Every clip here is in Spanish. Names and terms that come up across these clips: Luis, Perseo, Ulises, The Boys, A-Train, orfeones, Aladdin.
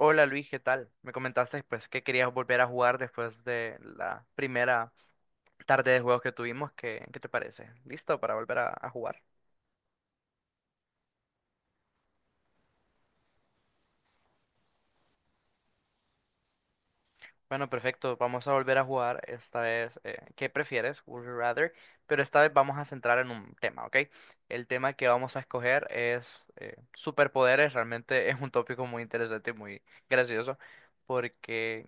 Hola Luis, ¿qué tal? Me comentaste después que querías volver a jugar después de la primera tarde de juegos que tuvimos. ¿Qué te parece? ¿Listo para volver a jugar? Bueno, perfecto. Vamos a volver a jugar. Esta vez, ¿qué prefieres? Would you rather? Pero esta vez vamos a centrar en un tema, ¿ok? El tema que vamos a escoger es superpoderes. Realmente es un tópico muy interesante y muy gracioso porque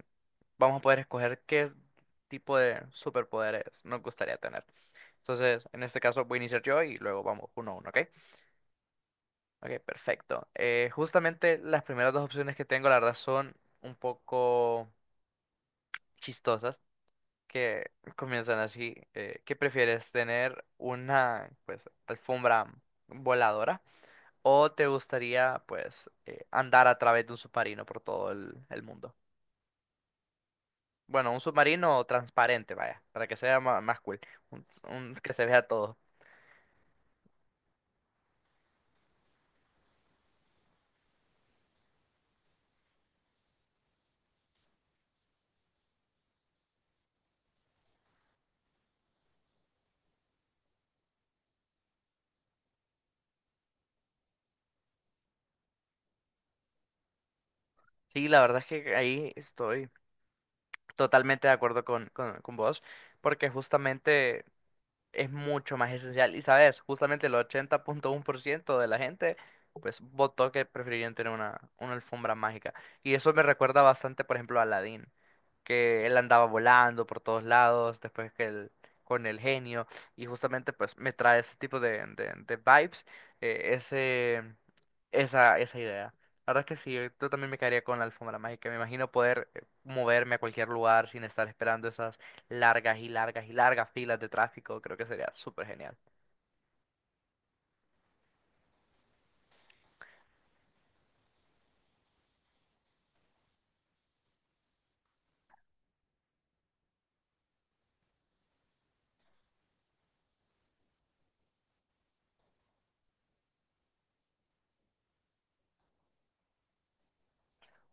vamos a poder escoger qué tipo de superpoderes nos gustaría tener. Entonces, en este caso voy a iniciar yo y luego vamos uno a uno, ¿ok? Ok, perfecto. Justamente las primeras dos opciones que tengo, la verdad, son un poco chistosas, que comienzan así. ¿Qué prefieres, tener una, pues, alfombra voladora o te gustaría, pues, andar a través de un submarino por todo el mundo? Bueno, un submarino transparente, vaya, para que sea más, cool, que se vea todo. Sí, la verdad es que ahí estoy. Totalmente de acuerdo con vos, porque justamente es mucho más esencial. Y sabes, justamente el 80.1% de la gente, pues, votó que preferirían tener una alfombra mágica. Y eso me recuerda bastante, por ejemplo, a Aladdin que él andaba volando por todos lados, después que él, con el genio, y justamente pues me trae ese tipo de vibes, eh, ese, esa idea. La verdad es que sí, yo también me quedaría con la alfombra mágica. Me imagino poder moverme a cualquier lugar sin estar esperando esas largas y largas y largas filas de tráfico. Creo que sería súper genial.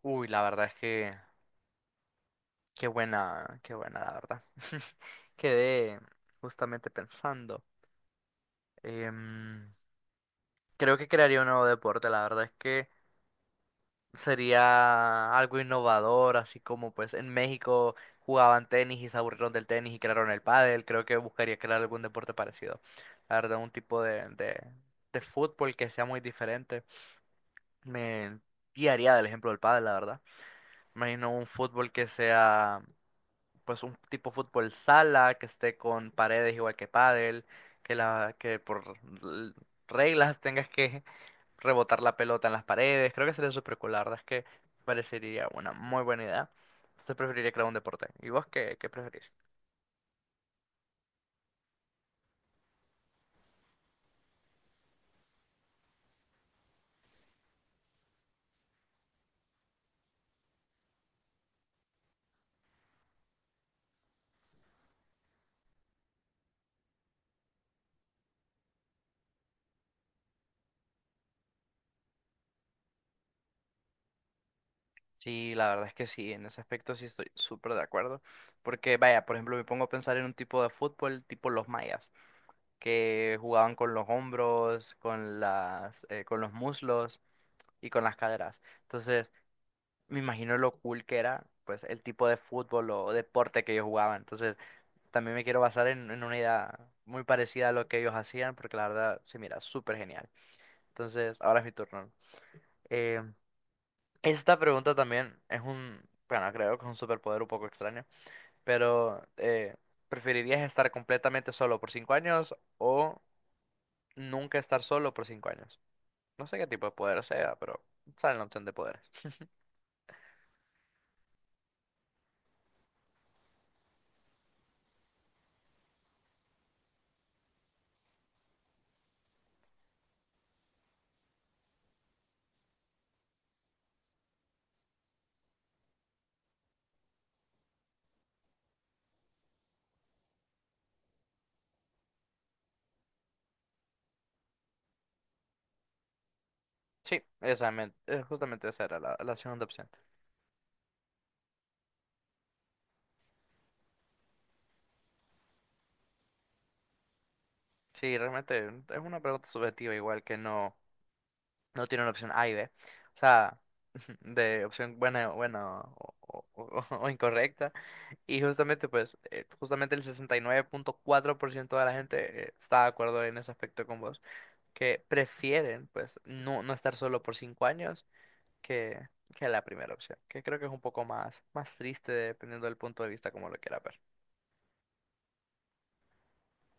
Uy, la verdad es que qué buena, la verdad. Quedé justamente pensando. em, Creo que crearía un nuevo deporte, la verdad es que sería algo innovador, así como pues en México jugaban tenis y se aburrieron del tenis y crearon el pádel, creo que buscaría crear algún deporte parecido. La verdad, un tipo de fútbol que sea muy diferente. Me guiaría del ejemplo del pádel, la verdad. Imagino un fútbol que sea pues un tipo fútbol sala, que esté con paredes igual que pádel, que la que por l- reglas tengas que rebotar la pelota en las paredes. Creo que sería súper cool, la verdad es que parecería una muy buena idea. Entonces preferiría crear un deporte. ¿Y vos qué preferís? Sí, la verdad es que sí, en ese aspecto sí estoy súper de acuerdo. Porque, vaya, por ejemplo, me pongo a pensar en un tipo de fútbol tipo los mayas, que jugaban con los hombros, con los muslos y con las caderas. Entonces, me imagino lo cool que era, pues, el tipo de fútbol o deporte que ellos jugaban. Entonces, también me quiero basar en una idea muy parecida a lo que ellos hacían, porque la verdad se mira súper genial. Entonces, ahora es mi turno. Eh, esta pregunta también es bueno, creo que es un superpoder un poco extraño, pero ¿preferirías estar completamente solo por 5 años o nunca estar solo por 5 años? No sé qué tipo de poder sea, pero sale la opción de poderes. Sí, exactamente, justamente esa era la segunda opción. Sí, realmente es una pregunta subjetiva, igual que no. No tienen opción A y B. O sea, de opción buena, buena o incorrecta. Y justamente, pues, justamente el 69.4% de la gente está de acuerdo en ese aspecto con vos. Que prefieren, pues, no, no estar solo por 5 años que, que la primera opción. Que creo que es un poco más, más triste dependiendo del punto de vista como lo quiera ver.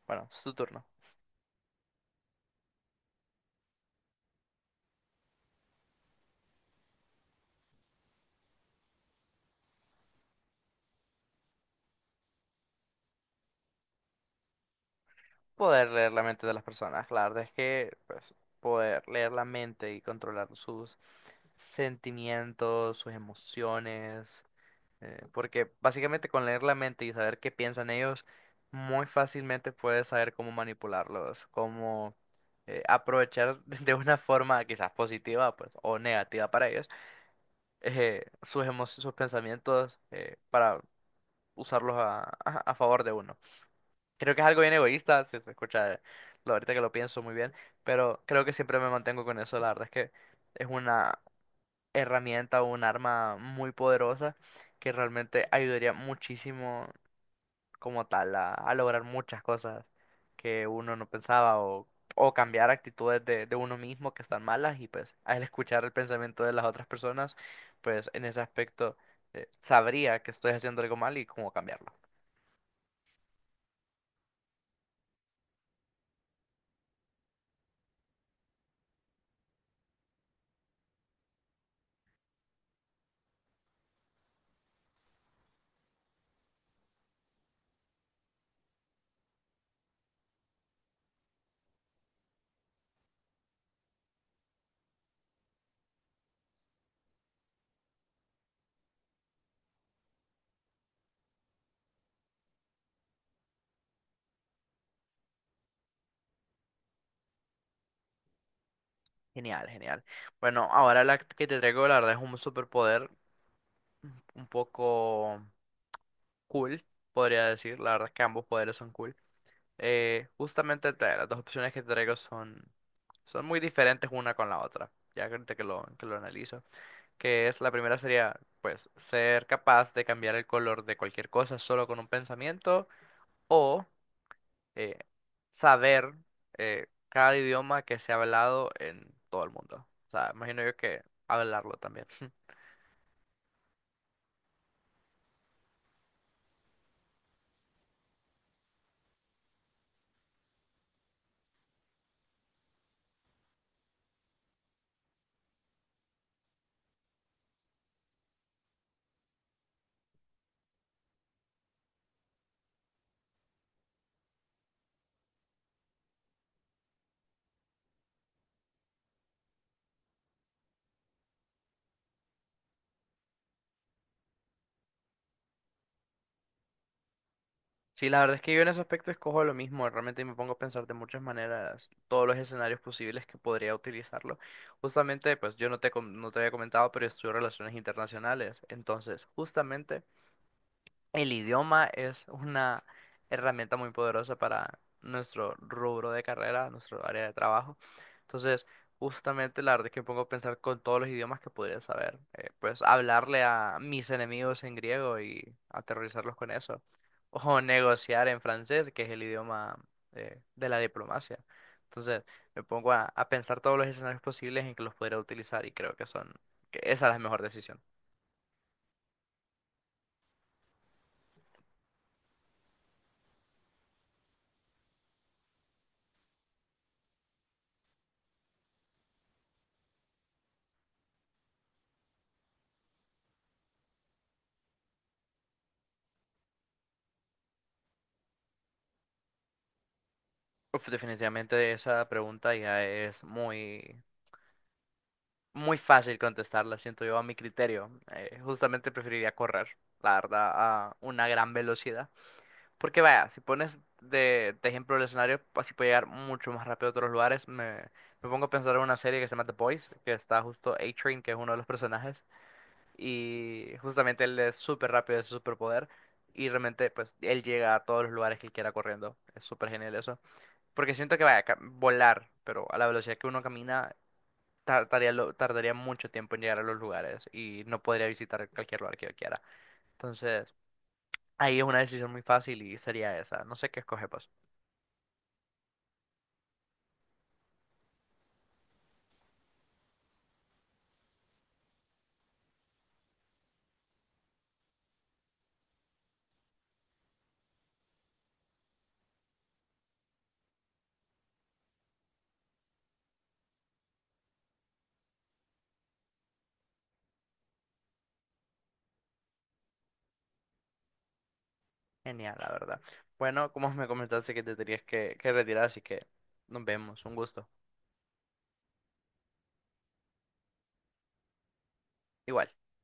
Bueno, es tu turno. Poder leer la mente de las personas. La verdad es que, pues, poder leer la mente y controlar sus sentimientos, sus emociones, porque básicamente con leer la mente y saber qué piensan ellos, muy fácilmente puedes saber cómo manipularlos, cómo aprovechar de una forma quizás positiva, pues, o negativa para ellos, sus pensamientos para usarlos a favor de uno. Creo que es algo bien egoísta, si se escucha, ahorita que lo pienso muy bien, pero creo que siempre me mantengo con eso, la verdad es que es una herramienta o un arma muy poderosa que realmente ayudaría muchísimo como tal a lograr muchas cosas que uno no pensaba o cambiar actitudes de uno mismo que están malas y pues al escuchar el pensamiento de las otras personas, pues en ese aspecto sabría que estoy haciendo algo mal y cómo cambiarlo. Genial, genial. Bueno, ahora la que te traigo la verdad es un superpoder un poco cool, podría decir. La verdad es que ambos poderes son cool. Justamente las dos opciones que te traigo son muy diferentes una con la otra, ya que ahorita que lo, analizo, que es la primera sería pues ser capaz de cambiar el color de cualquier cosa solo con un pensamiento o eh, saber cada idioma que se ha hablado en todo el mundo. O sea, imagino yo que hablarlo también. Sí, la verdad es que yo en ese aspecto escojo lo mismo, realmente me pongo a pensar de muchas maneras todos los escenarios posibles que podría utilizarlo. Justamente, pues yo no te había comentado, pero estudio relaciones internacionales, entonces justamente el idioma es una herramienta muy poderosa para nuestro rubro de carrera, nuestro área de trabajo. Entonces, justamente la verdad es que me pongo a pensar con todos los idiomas que podría saber. Pues hablarle a mis enemigos en griego y aterrorizarlos con eso. O negociar en francés, que es el idioma de la diplomacia. Entonces, me pongo a pensar todos los escenarios posibles en que los podría utilizar y creo que que esa es la mejor decisión. Uf, definitivamente esa pregunta ya es muy, muy fácil contestarla, siento yo, a mi criterio. Justamente preferiría correr, la verdad, a una gran velocidad. Porque vaya, si pones de ejemplo el escenario, así puedo llegar mucho más rápido a otros lugares. Me pongo a pensar en una serie que se llama The Boys, que está justo A-Train, que es uno de los personajes, y justamente él es súper rápido, es su superpoder, y realmente pues él llega a todos los lugares que él quiera corriendo. Es súper genial eso. Porque siento que vaya a volar, pero a la velocidad que uno camina, tardaría mucho tiempo en llegar a los lugares y no podría visitar cualquier lugar que yo quiera. Entonces, ahí es una decisión muy fácil y sería esa. No sé qué escoge, pues. Genial, la verdad. Bueno, como me comentaste que te tenías que retirar, así que nos vemos. Un gusto. Igual.